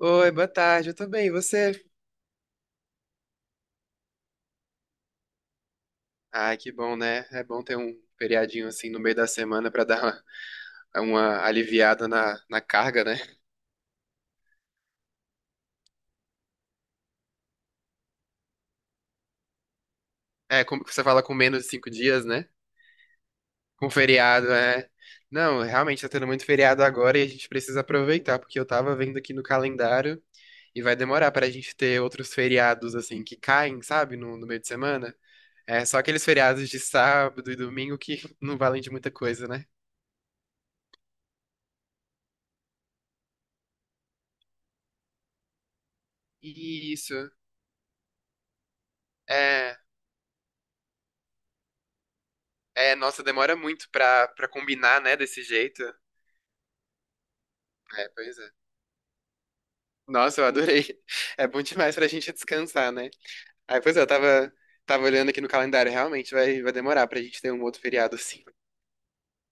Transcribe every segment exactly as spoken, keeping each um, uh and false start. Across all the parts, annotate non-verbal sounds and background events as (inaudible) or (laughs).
Oi, boa tarde, eu tô bem, e você? Ah, que bom, né? É bom ter um feriadinho assim no meio da semana pra dar uma, uma aliviada na, na carga, né? É, como que você fala, com menos de cinco dias, né? Com feriado, é. Não, realmente tá tendo muito feriado agora e a gente precisa aproveitar, porque eu tava vendo aqui no calendário e vai demorar pra gente ter outros feriados assim que caem, sabe, no, no meio de semana. É só aqueles feriados de sábado e domingo que (laughs) não valem de muita coisa, né? Isso. É, é, nossa, demora muito pra, pra combinar, né, desse jeito. É, pois é. Nossa, eu adorei. (laughs) É bom demais pra gente descansar, né? Aí, pois é, eu tava, tava olhando aqui no calendário, realmente vai, vai demorar pra gente ter um outro feriado assim.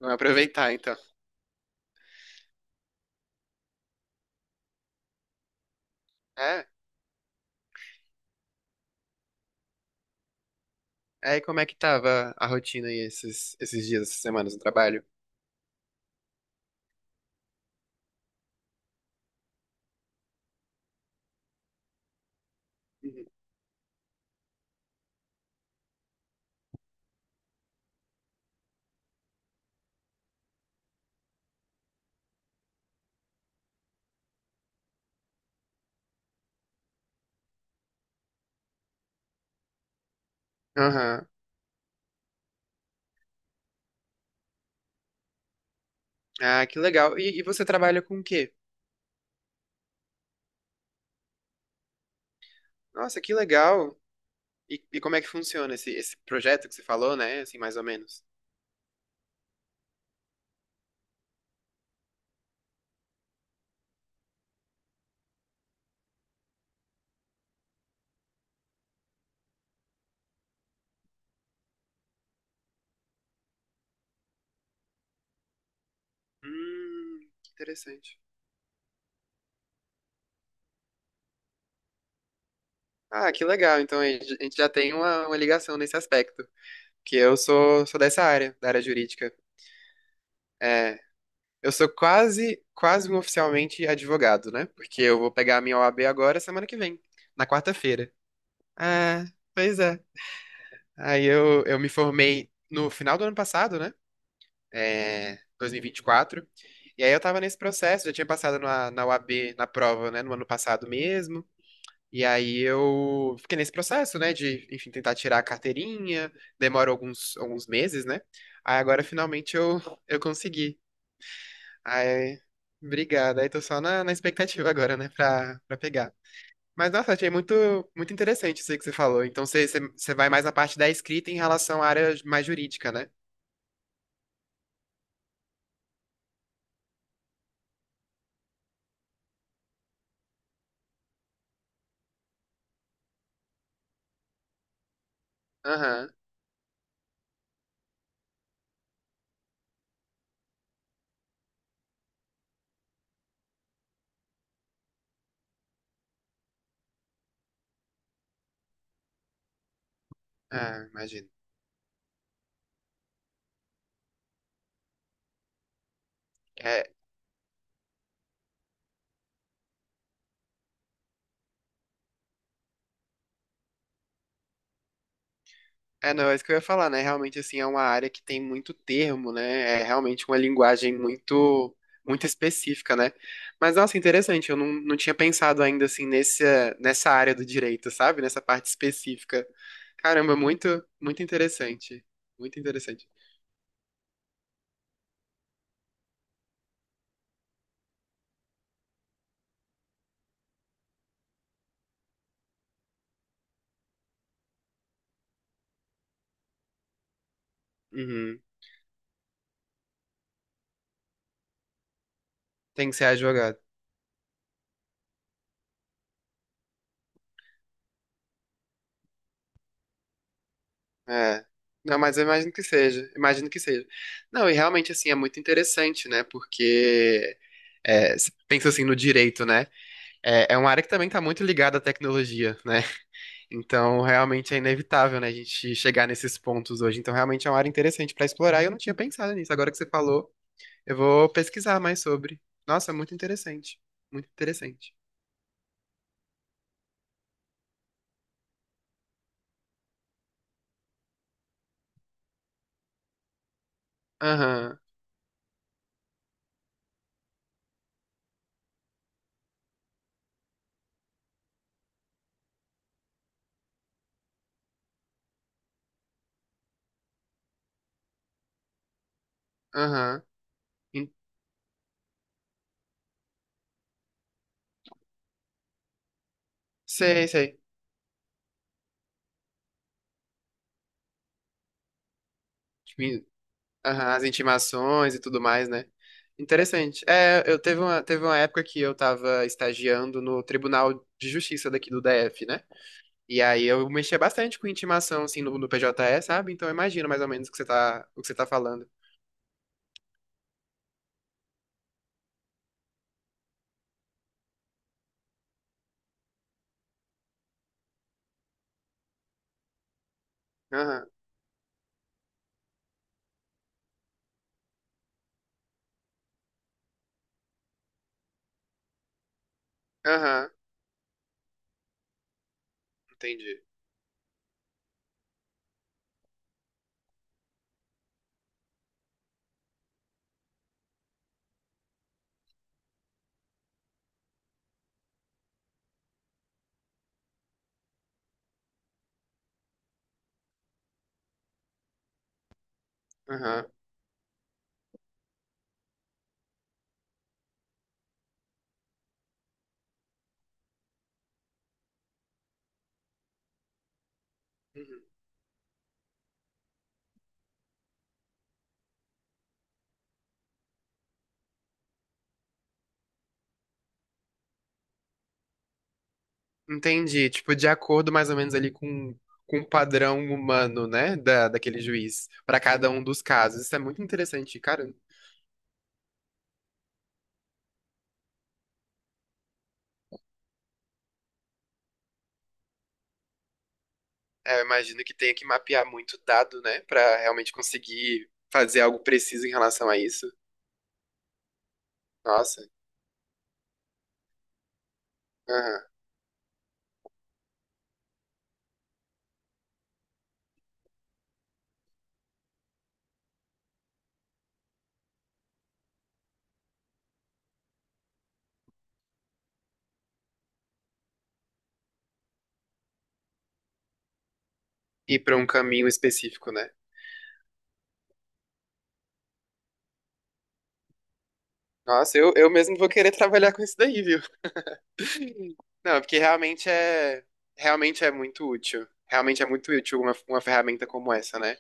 Vamos aproveitar, então. É. Aí, como é que tava a rotina aí esses, esses dias, essas semanas no trabalho? Uhum. Aham. Ah, que legal. E, e você trabalha com o quê? Nossa, que legal. E, e como é que funciona esse, esse projeto que você falou, né? Assim, mais ou menos. Hum, que interessante. Ah, que legal. Então a gente a gente já tem uma, uma ligação nesse aspecto, que eu sou, sou dessa área, da área jurídica. É, eu sou quase, quase um oficialmente advogado, né? Porque eu vou pegar a minha O A B agora semana que vem, na quarta-feira. Ah, pois é. Aí eu, eu me formei no final do ano passado, né? É, dois mil e vinte e quatro. E vinte e quatro. E aí eu tava nesse processo, já tinha passado na, na O A B, na prova, né? No ano passado mesmo. E aí eu fiquei nesse processo, né, de, enfim, tentar tirar a carteirinha, demora alguns, alguns meses, né? Aí agora finalmente eu, (laughs) eu consegui. Aí, obrigado. Aí tô só na, na expectativa agora, né, pra, pra pegar. Mas, nossa, achei muito, muito interessante isso aí que você falou. Então, você, você, você vai mais na parte da escrita em relação à área mais jurídica, né? Aham. Ah, imagino. É, é, não, é isso que eu ia falar, né? Realmente, assim, é uma área que tem muito termo, né? É realmente uma linguagem muito, muito específica, né? Mas, nossa, interessante, eu não, não tinha pensado ainda, assim, nesse, nessa área do direito, sabe? Nessa parte específica. Caramba, é muito, muito interessante. Muito interessante. Uhum. Tem que ser advogado. É. Não, mas eu imagino que seja. Imagino que seja. Não, e realmente, assim, é muito interessante, né? Porque, é, você pensa, assim, no direito, né? É, é uma área que também está muito ligada à tecnologia, né? Então, realmente é inevitável, né, a gente chegar nesses pontos hoje. Então, realmente é uma área interessante para explorar e eu não tinha pensado nisso. Agora que você falou, eu vou pesquisar mais sobre. Nossa, muito interessante. Muito interessante. Aham, aham. In- Sei, sei. Tipo, in- aham, as intimações e tudo mais, né? Interessante. É, eu teve uma, teve uma época que eu estava estagiando no Tribunal de Justiça daqui do D F, né? E aí eu mexia bastante com intimação, assim, no, no P J E, sabe? Então eu imagino mais ou menos o que você tá, o que você tá falando. Aham, aham, entendi. Aham, uhum. Entendi. Tipo, de acordo mais ou menos ali com, com o padrão humano, né? Da, daquele juiz, pra cada um dos casos. Isso é muito interessante, cara. É, eu imagino que tenha que mapear muito dado, né? Pra realmente conseguir fazer algo preciso em relação a isso. Nossa, aham. Ir pra um caminho específico, né? Nossa, eu, eu mesmo vou querer trabalhar com isso daí, viu? Não, é porque realmente é, realmente é muito útil. Realmente é muito útil uma, uma ferramenta como essa, né?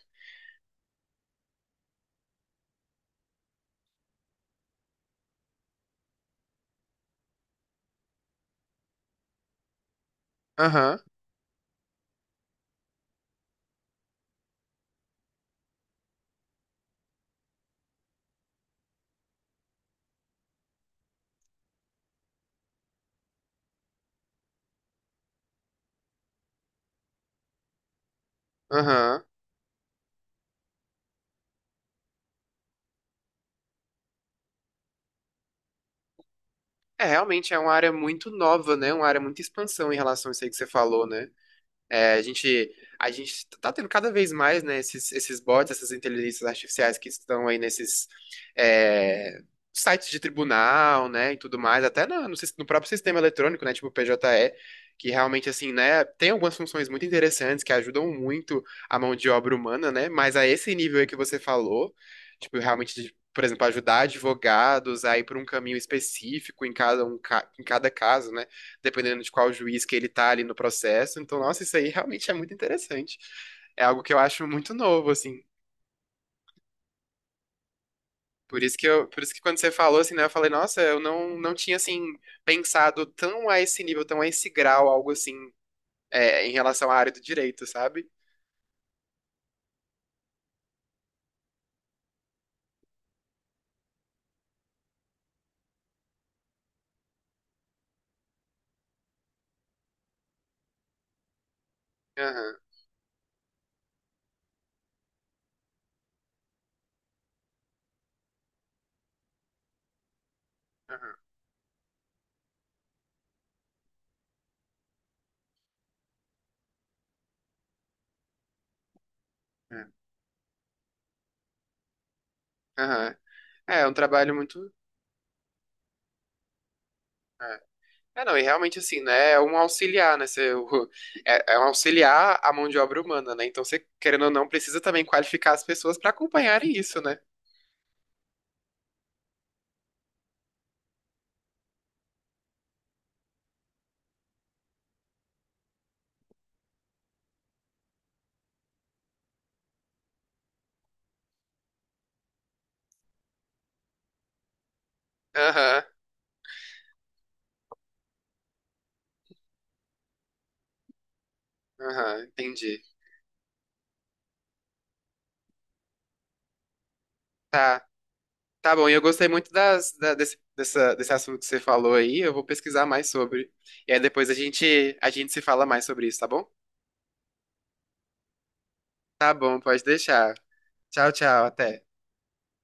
Aham, aham. É, realmente é uma área muito nova, né? Uma área muito expansão em relação a isso aí que você falou, né? É, a gente, a gente tá tendo cada vez mais, né, esses, esses bots, essas inteligências artificiais que estão aí nesses é, sites de tribunal, né, e tudo mais, até na- no, sis- no próprio sistema eletrônico, né, tipo o P J E, que realmente, assim, né, tem algumas funções muito interessantes que ajudam muito a mão de obra humana, né, mas a esse nível aí que você falou, tipo, realmente, de, por exemplo, ajudar advogados a ir por um caminho específico em cada, um, ca- em cada caso, né, dependendo de qual juiz que ele tá ali no processo. Então, nossa, isso aí realmente é muito interessante. É algo que eu acho muito novo, assim. Por isso que eu, por isso que quando você falou assim, né, eu falei, nossa, eu não, não tinha assim pensado tão a esse nível, tão a esse grau, algo assim, é, em relação à área do direito, sabe? Aham, aham, é, aham. É, é um trabalho muito. É. É, não, e realmente assim, né? É um auxiliar, né? Você, o- é, é um auxiliar à mão de obra humana, né? Então você, querendo ou não, precisa também qualificar as pessoas para acompanharem isso, né? Aham. Aham, entendi. Tá, tá bom. E eu gostei muito das, da- desse, dessa, desse assunto que você falou aí. Eu vou pesquisar mais sobre. E aí depois a gente, a gente se fala mais sobre isso, tá bom? Tá bom, pode deixar. Tchau, tchau, até.